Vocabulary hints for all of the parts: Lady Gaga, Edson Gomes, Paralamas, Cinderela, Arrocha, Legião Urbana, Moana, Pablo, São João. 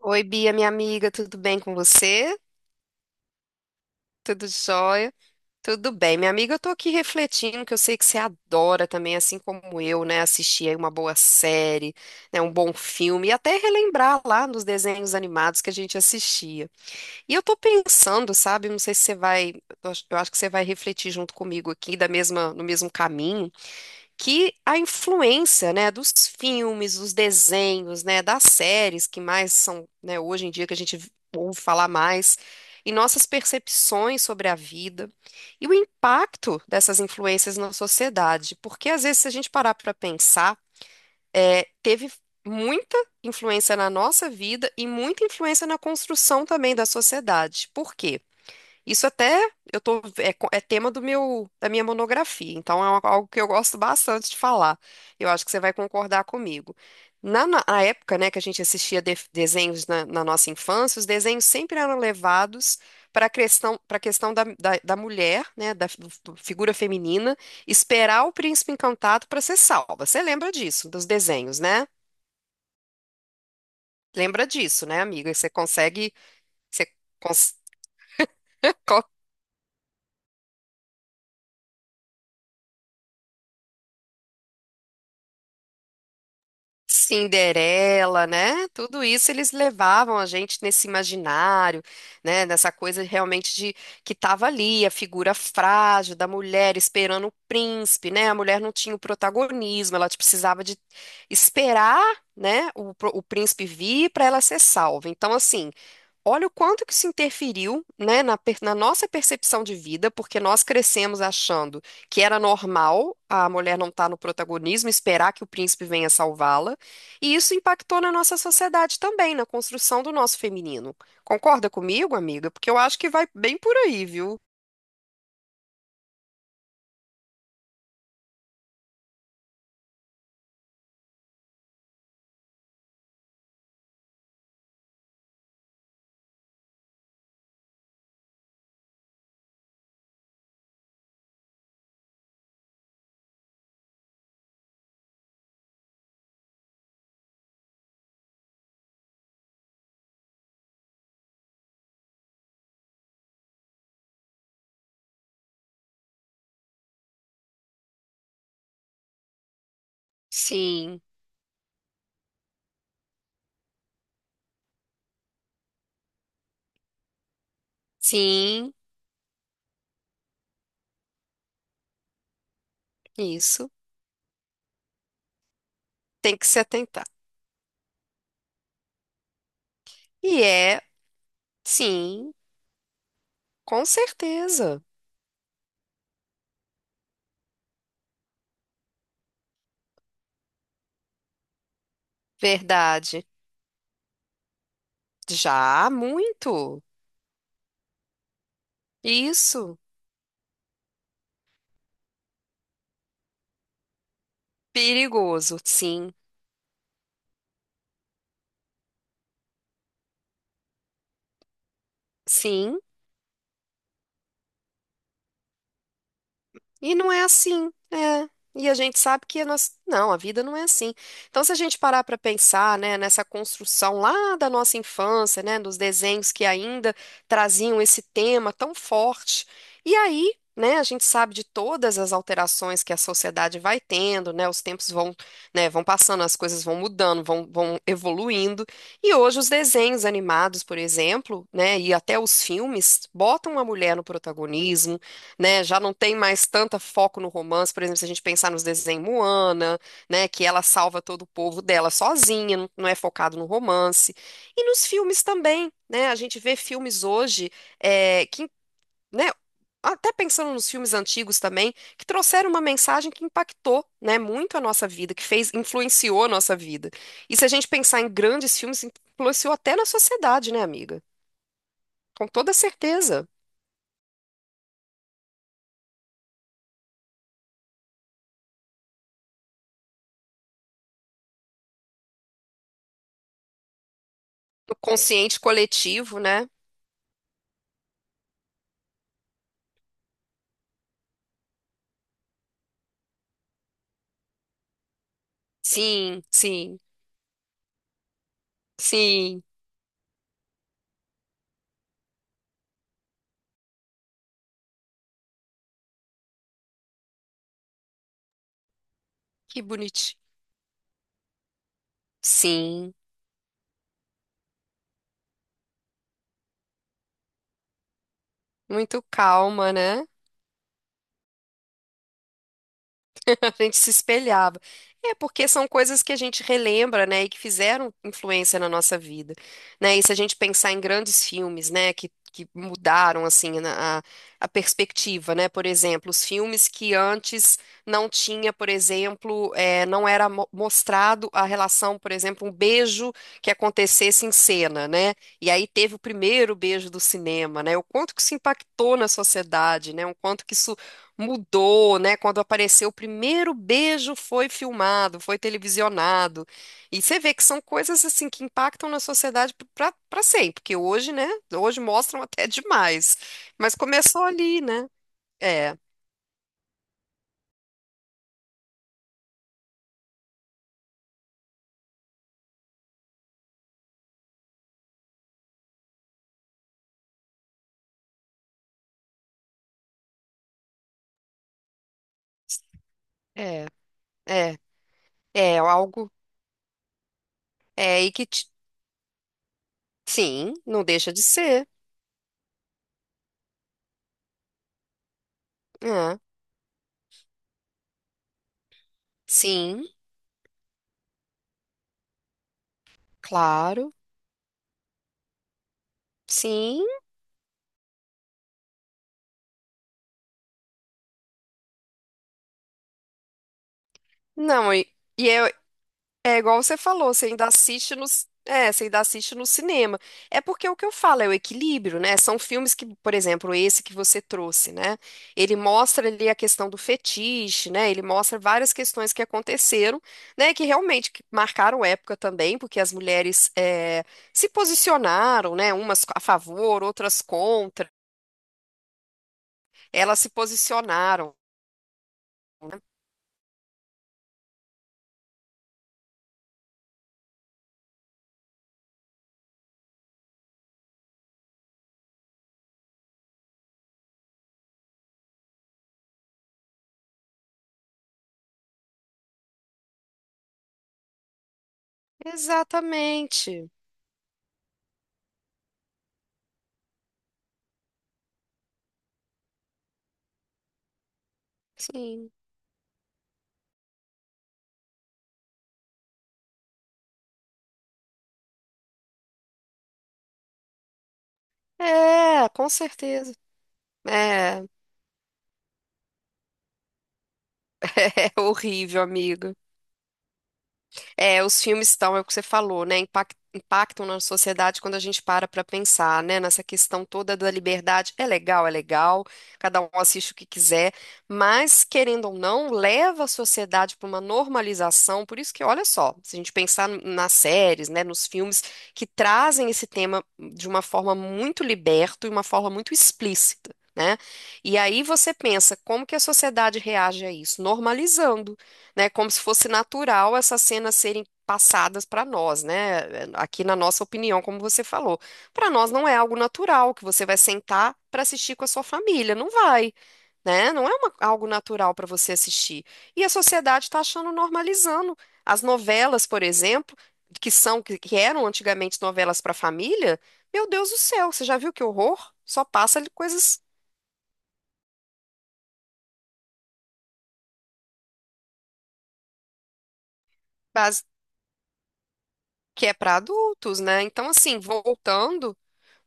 Oi, Bia, minha amiga, tudo bem com você? Tudo jóia? Tudo bem, minha amiga, eu tô aqui refletindo que eu sei que você adora também, assim como eu, né, assistir aí uma boa série, né, um bom filme e até relembrar lá nos desenhos animados que a gente assistia. E eu tô pensando, sabe, não sei se você vai, eu acho que você vai refletir junto comigo aqui da mesma, no mesmo caminho que a influência, né, dos filmes, dos desenhos, né, das séries que mais são, né, hoje em dia que a gente ouve falar mais, e nossas percepções sobre a vida e o impacto dessas influências na sociedade, porque às vezes se a gente parar para pensar, é, teve muita influência na nossa vida e muita influência na construção também da sociedade. Por quê? Isso até eu tô, é, é tema do meu, da minha monografia, então é algo que eu gosto bastante de falar. Eu acho que você vai concordar comigo. Na época, né, que a gente assistia desenhos na nossa infância, os desenhos sempre eram levados para a questão, para questão da mulher, né, figura feminina, esperar o príncipe encantado para ser salva. Você lembra disso, dos desenhos, né? Lembra disso, né, amiga? Você consegue, você cons- consegue Cinderela, né? Tudo isso eles levavam a gente nesse imaginário, né? Nessa coisa realmente de que tava ali a figura frágil da mulher esperando o príncipe, né? A mulher não tinha o protagonismo, ela tipo, precisava de esperar, né? O, o príncipe vir para ela ser salva. Então, assim, olha o quanto que se interferiu, né, na nossa percepção de vida, porque nós crescemos achando que era normal a mulher não estar no protagonismo, esperar que o príncipe venha salvá-la, e isso impactou na nossa sociedade também, na construção do nosso feminino. Concorda comigo, amiga? Porque eu acho que vai bem por aí, viu? Sim, sim, isso. Tem que se atentar. E é, sim, com certeza. Verdade. Já, muito. Isso. Perigoso, sim, sim. E não é assim, né. E a gente sabe que nós não, a vida não é assim. Então, se a gente parar para pensar, né, nessa construção lá da nossa infância, né, dos desenhos que ainda traziam esse tema tão forte, e aí, né, a gente sabe de todas as alterações que a sociedade vai tendo, né, os tempos vão, né, vão passando, as coisas vão mudando, vão evoluindo, e hoje os desenhos animados, por exemplo, né, e até os filmes botam a mulher no protagonismo, né? Já não tem mais tanto foco no romance, por exemplo, se a gente pensar nos desenhos Moana, né? Que ela salva todo o povo dela sozinha, não é focado no romance. E nos filmes também, né? A gente vê filmes hoje é, que, né? Até pensando nos filmes antigos também, que trouxeram uma mensagem que impactou, né, muito a nossa vida, que fez, influenciou a nossa vida. E se a gente pensar em grandes filmes, influenciou até na sociedade, né, amiga? Com toda certeza. O consciente coletivo, né? Sim, sim, sim. Que bonitinho. Sim, muito calma, né? A gente se espelhava. É porque são coisas que a gente relembra, né, e que fizeram influência na nossa vida, né? E se a gente pensar em grandes filmes, né, que mudaram assim a perspectiva, né? Por exemplo, os filmes que antes não tinha, por exemplo, não era mostrado a relação, por exemplo, um beijo que acontecesse em cena, né? E aí teve o primeiro beijo do cinema, né? O quanto que isso impactou na sociedade, né? O quanto que isso mudou, né? Quando apareceu o primeiro beijo foi filmado, foi televisionado. E você vê que são coisas assim que impactam na sociedade para sempre, porque hoje, né? Hoje mostram até demais. Mas começou ali, né? É, é, é, é algo é sim, não deixa de ser. É, sim, claro. Sim. Não, e é- é igual você falou, você ainda assiste nos, é, você ainda assiste no cinema. É porque é o que eu falo é o equilíbrio, né? São filmes que, por exemplo, esse que você trouxe, né? Ele mostra ali a questão do fetiche, né? Ele mostra várias questões que aconteceram, né? Que realmente que marcaram época também, porque as mulheres é, se posicionaram, né? Umas a favor, outras contra. Elas se posicionaram, né? Exatamente. Sim. É, com certeza. É. É horrível, amigo. É, os filmes estão, é o que você falou, né? Impactam na sociedade quando a gente para pensar, né? Nessa questão toda da liberdade. É legal, cada um assiste o que quiser, mas, querendo ou não, leva a sociedade para uma normalização. Por isso que, olha só, se a gente pensar nas séries, né, nos filmes que trazem esse tema de uma forma muito liberta e uma forma muito explícita. Né? E aí você pensa, como que a sociedade reage a isso? Normalizando, né, como se fosse natural essas cenas serem passadas para nós, né? Aqui na nossa opinião, como você falou. Para nós não é algo natural que você vai sentar para assistir com a sua família, não vai. Né? Não é algo natural para você assistir. E a sociedade está achando normalizando. As novelas, por exemplo, que são que eram antigamente novelas para família, meu Deus do céu, você já viu que horror? Só passa ali coisas base- que é para adultos, né? Então, assim, voltando.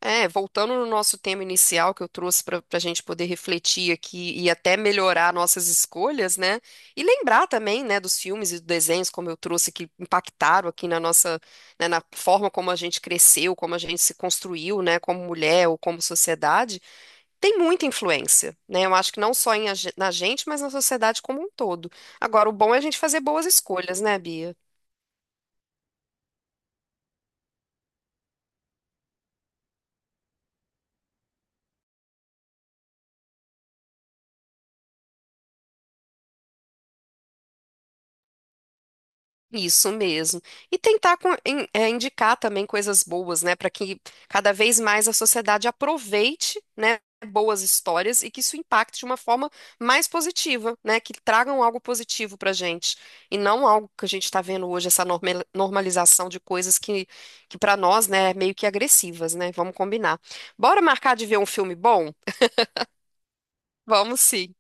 É, voltando no nosso tema inicial que eu trouxe para a gente poder refletir aqui e até melhorar nossas escolhas, né? E lembrar também, né, dos filmes e dos desenhos, como eu trouxe, que impactaram aqui na nossa, né, na forma como a gente cresceu, como a gente se construiu, né, como mulher ou como sociedade, tem muita influência, né? Eu acho que não só em, na gente, mas na sociedade como um todo. Agora, o bom é a gente fazer boas escolhas, né, Bia? Isso mesmo. E tentar é, indicar também coisas boas, né, para que cada vez mais a sociedade aproveite, né, boas histórias e que isso impacte de uma forma mais positiva, né, que tragam algo positivo para a gente e não algo que a gente está vendo hoje, essa normalização de coisas que para nós, né, é meio que agressivas, né? Vamos combinar. Bora marcar de ver um filme bom? Vamos sim.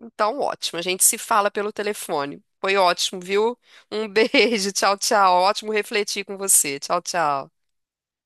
Então, ótimo. A gente se fala pelo telefone. Foi ótimo, viu? Um beijo. Tchau, tchau. Ótimo refletir com você. Tchau, tchau.